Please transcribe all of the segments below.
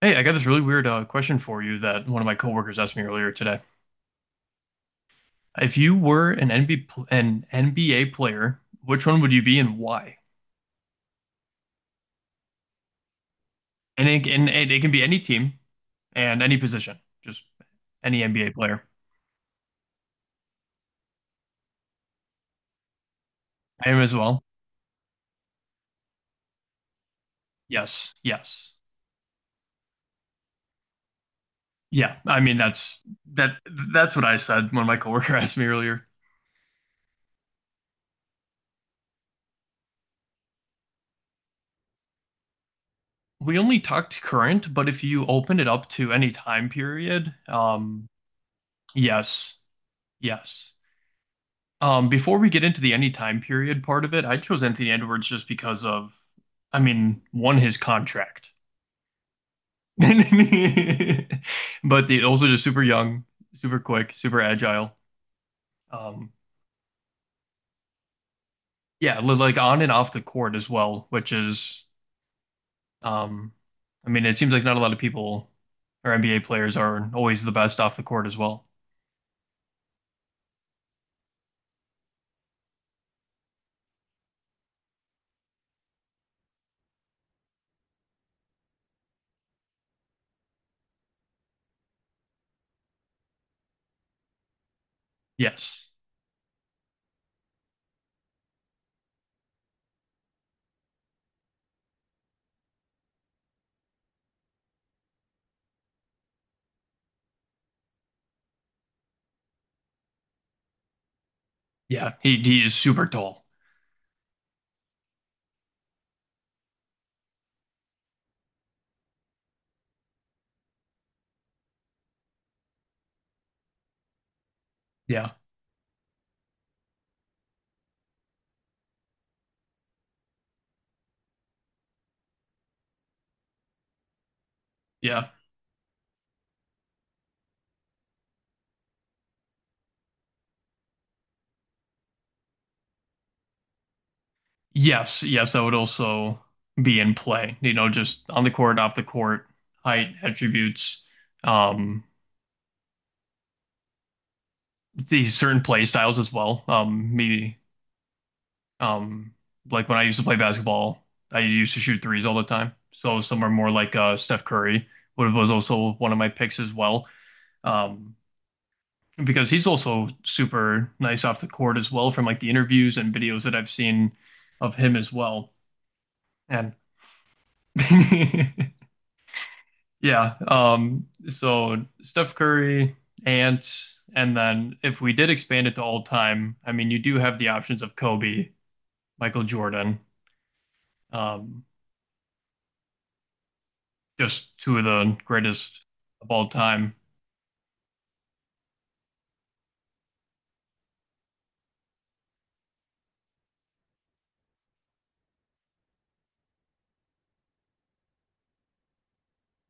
Hey, I got this really weird question for you that one of my coworkers asked me earlier today. If you were an NBA pl- an NBA player, which one would you be and why? It can be any team and any position, just any NBA player. I am as well. Yes, yes, yeah. I mean, that's that. That's what I said when my coworker asked me earlier. We only talked current, but if you open it up to any time period, yes, yes. Before we get into the any time period part of it, I chose Anthony Edwards just because of, I mean, one, his contract, but also just super young, super quick, super agile. Um, yeah, like on and off the court as well, which is, um, I mean, it seems like not a lot of people or NBA players are always the best off the court as well. Yes. Yeah. He is super tall. Yeah. Yeah. Yes, yes, that would also be in play. You know, just on the court, off the court, height, attributes, um, these certain play styles as well. Me, um, like when I used to play basketball, I used to shoot threes all the time. So some are more like Steph Curry, who was also one of my picks as well. Um, because he's also super nice off the court as well from like the interviews and videos that I've seen of him as well. And yeah. So Steph Curry, Ant, and then if we did expand it to all time, I mean, you do have the options of Kobe, Michael Jordan, um, just two of the greatest of all time.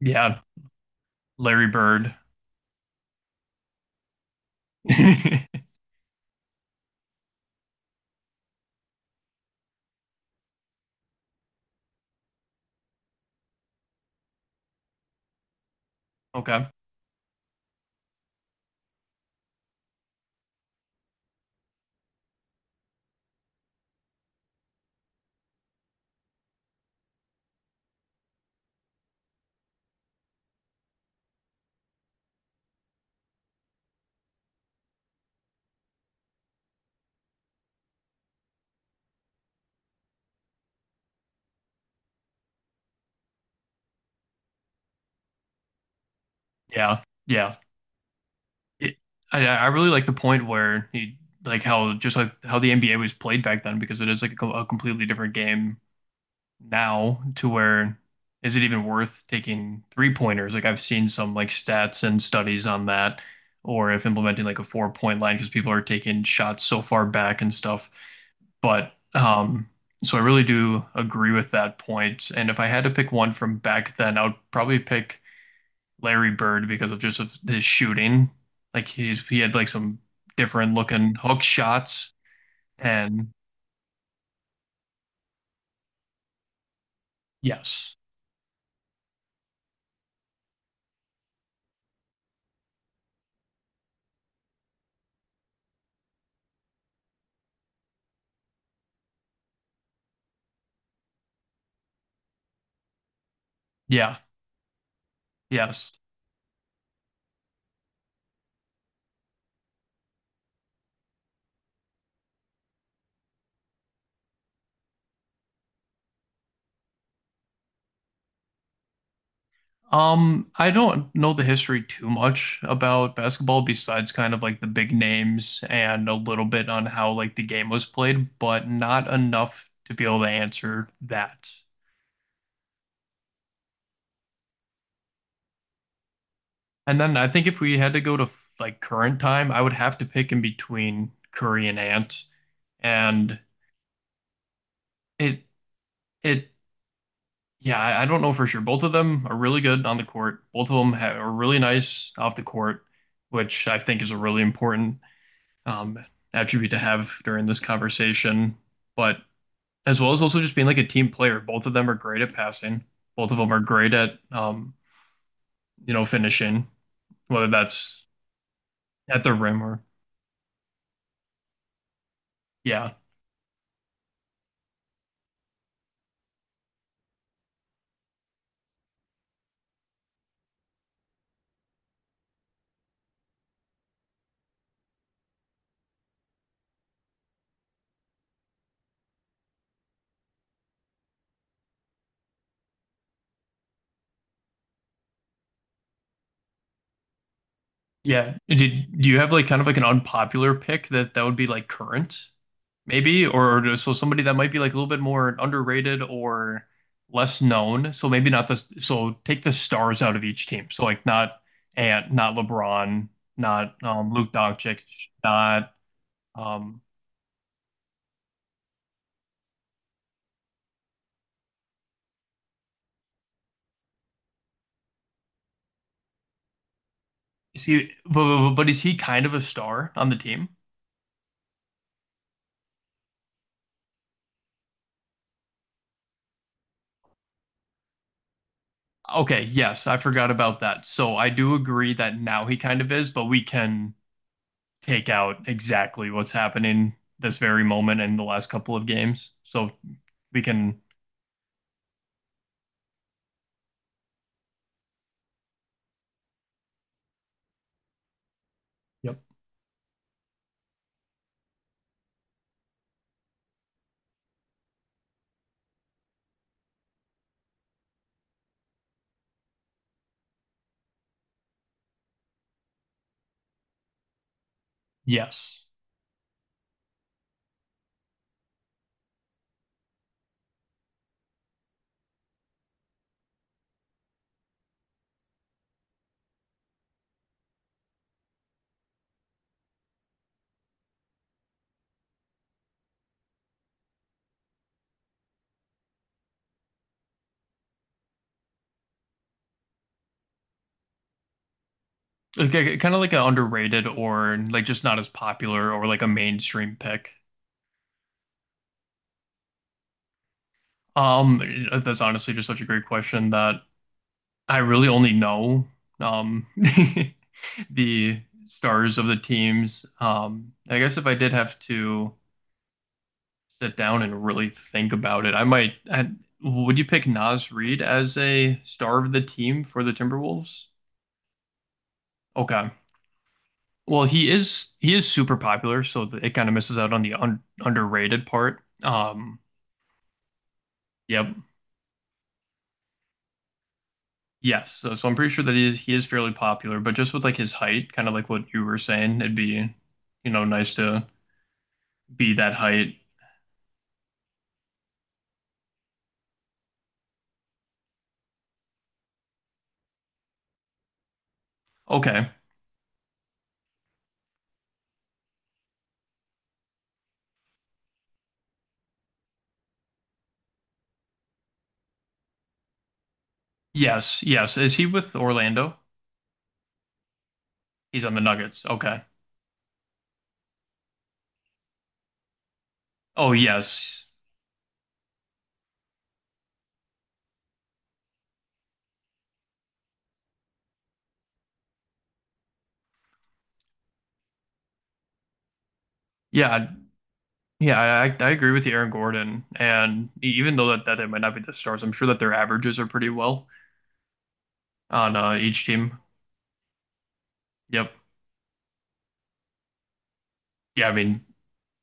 Yeah. Larry Bird. Okay. Yeah. Yeah. It, I really like the point where like how, just like how the NBA was played back then, because it is like a completely different game now to where is it even worth taking three pointers? Like I've seen some like stats and studies on that, or if implementing like a 4-point line because people are taking shots so far back and stuff. But so I really do agree with that point. And if I had to pick one from back then, I would probably pick Larry Bird because of just of his shooting. Like he had like some different looking hook shots and yes, yeah, yes. I don't know the history too much about basketball besides kind of like the big names and a little bit on how like the game was played, but not enough to be able to answer that. And then I think if we had to go to like current time, I would have to pick in between Curry and Ant. And it it yeah, I don't know for sure. Both of them are really good on the court. Both of them ha are really nice off the court, which I think is a really important um, attribute to have during this conversation. But as well as also just being like a team player, both of them are great at passing. Both of them are great at finishing, whether that's at the rim or yeah, yeah. Did Do you have like kind of like an unpopular pick that would be like current? Maybe, or so somebody that might be like a little bit more underrated or less known. So maybe not the so take the stars out of each team. So like not Ant, not LeBron, not Luke Doncic, not um. Is he? But, is he kind of a star on the team? Okay, yes, I forgot about that. So I do agree that now he kind of is, but we can take out exactly what's happening this very moment in the last couple of games. So we can. Yep. Yes. Like, kind of like an underrated or like just not as popular or like a mainstream pick. That's honestly just such a great question that I really only know um the stars of the teams. I guess if I did have to sit down and really think about it, I might. Would you pick Nas Reed as a star of the team for the Timberwolves? Okay. Well, he is super popular, so it kind of misses out on the un underrated part. Yep. Yes, so I'm pretty sure that he is, fairly popular, but just with like his height, kind of like what you were saying, it'd be, nice to be that height. Okay. Yes, yes. Is he with Orlando? He's on the Nuggets. Okay. Oh yes. Yeah, yeah. I agree with you, Aaron Gordon. And even though that they might not be the stars, I'm sure that their averages are pretty well on each team. Yep. Yeah, I mean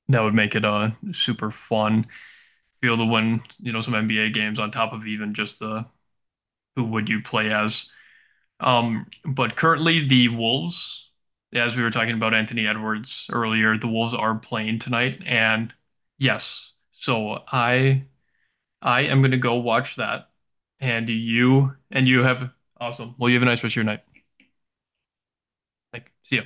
that would make it super fun. Be able to win, some NBA games on top of even just the who would you play as. But currently the Wolves, as we were talking about Anthony Edwards earlier, the Wolves are playing tonight, and yes, so I am gonna go watch that, and you have awesome. Well, you have a nice rest of your night. Like, see ya.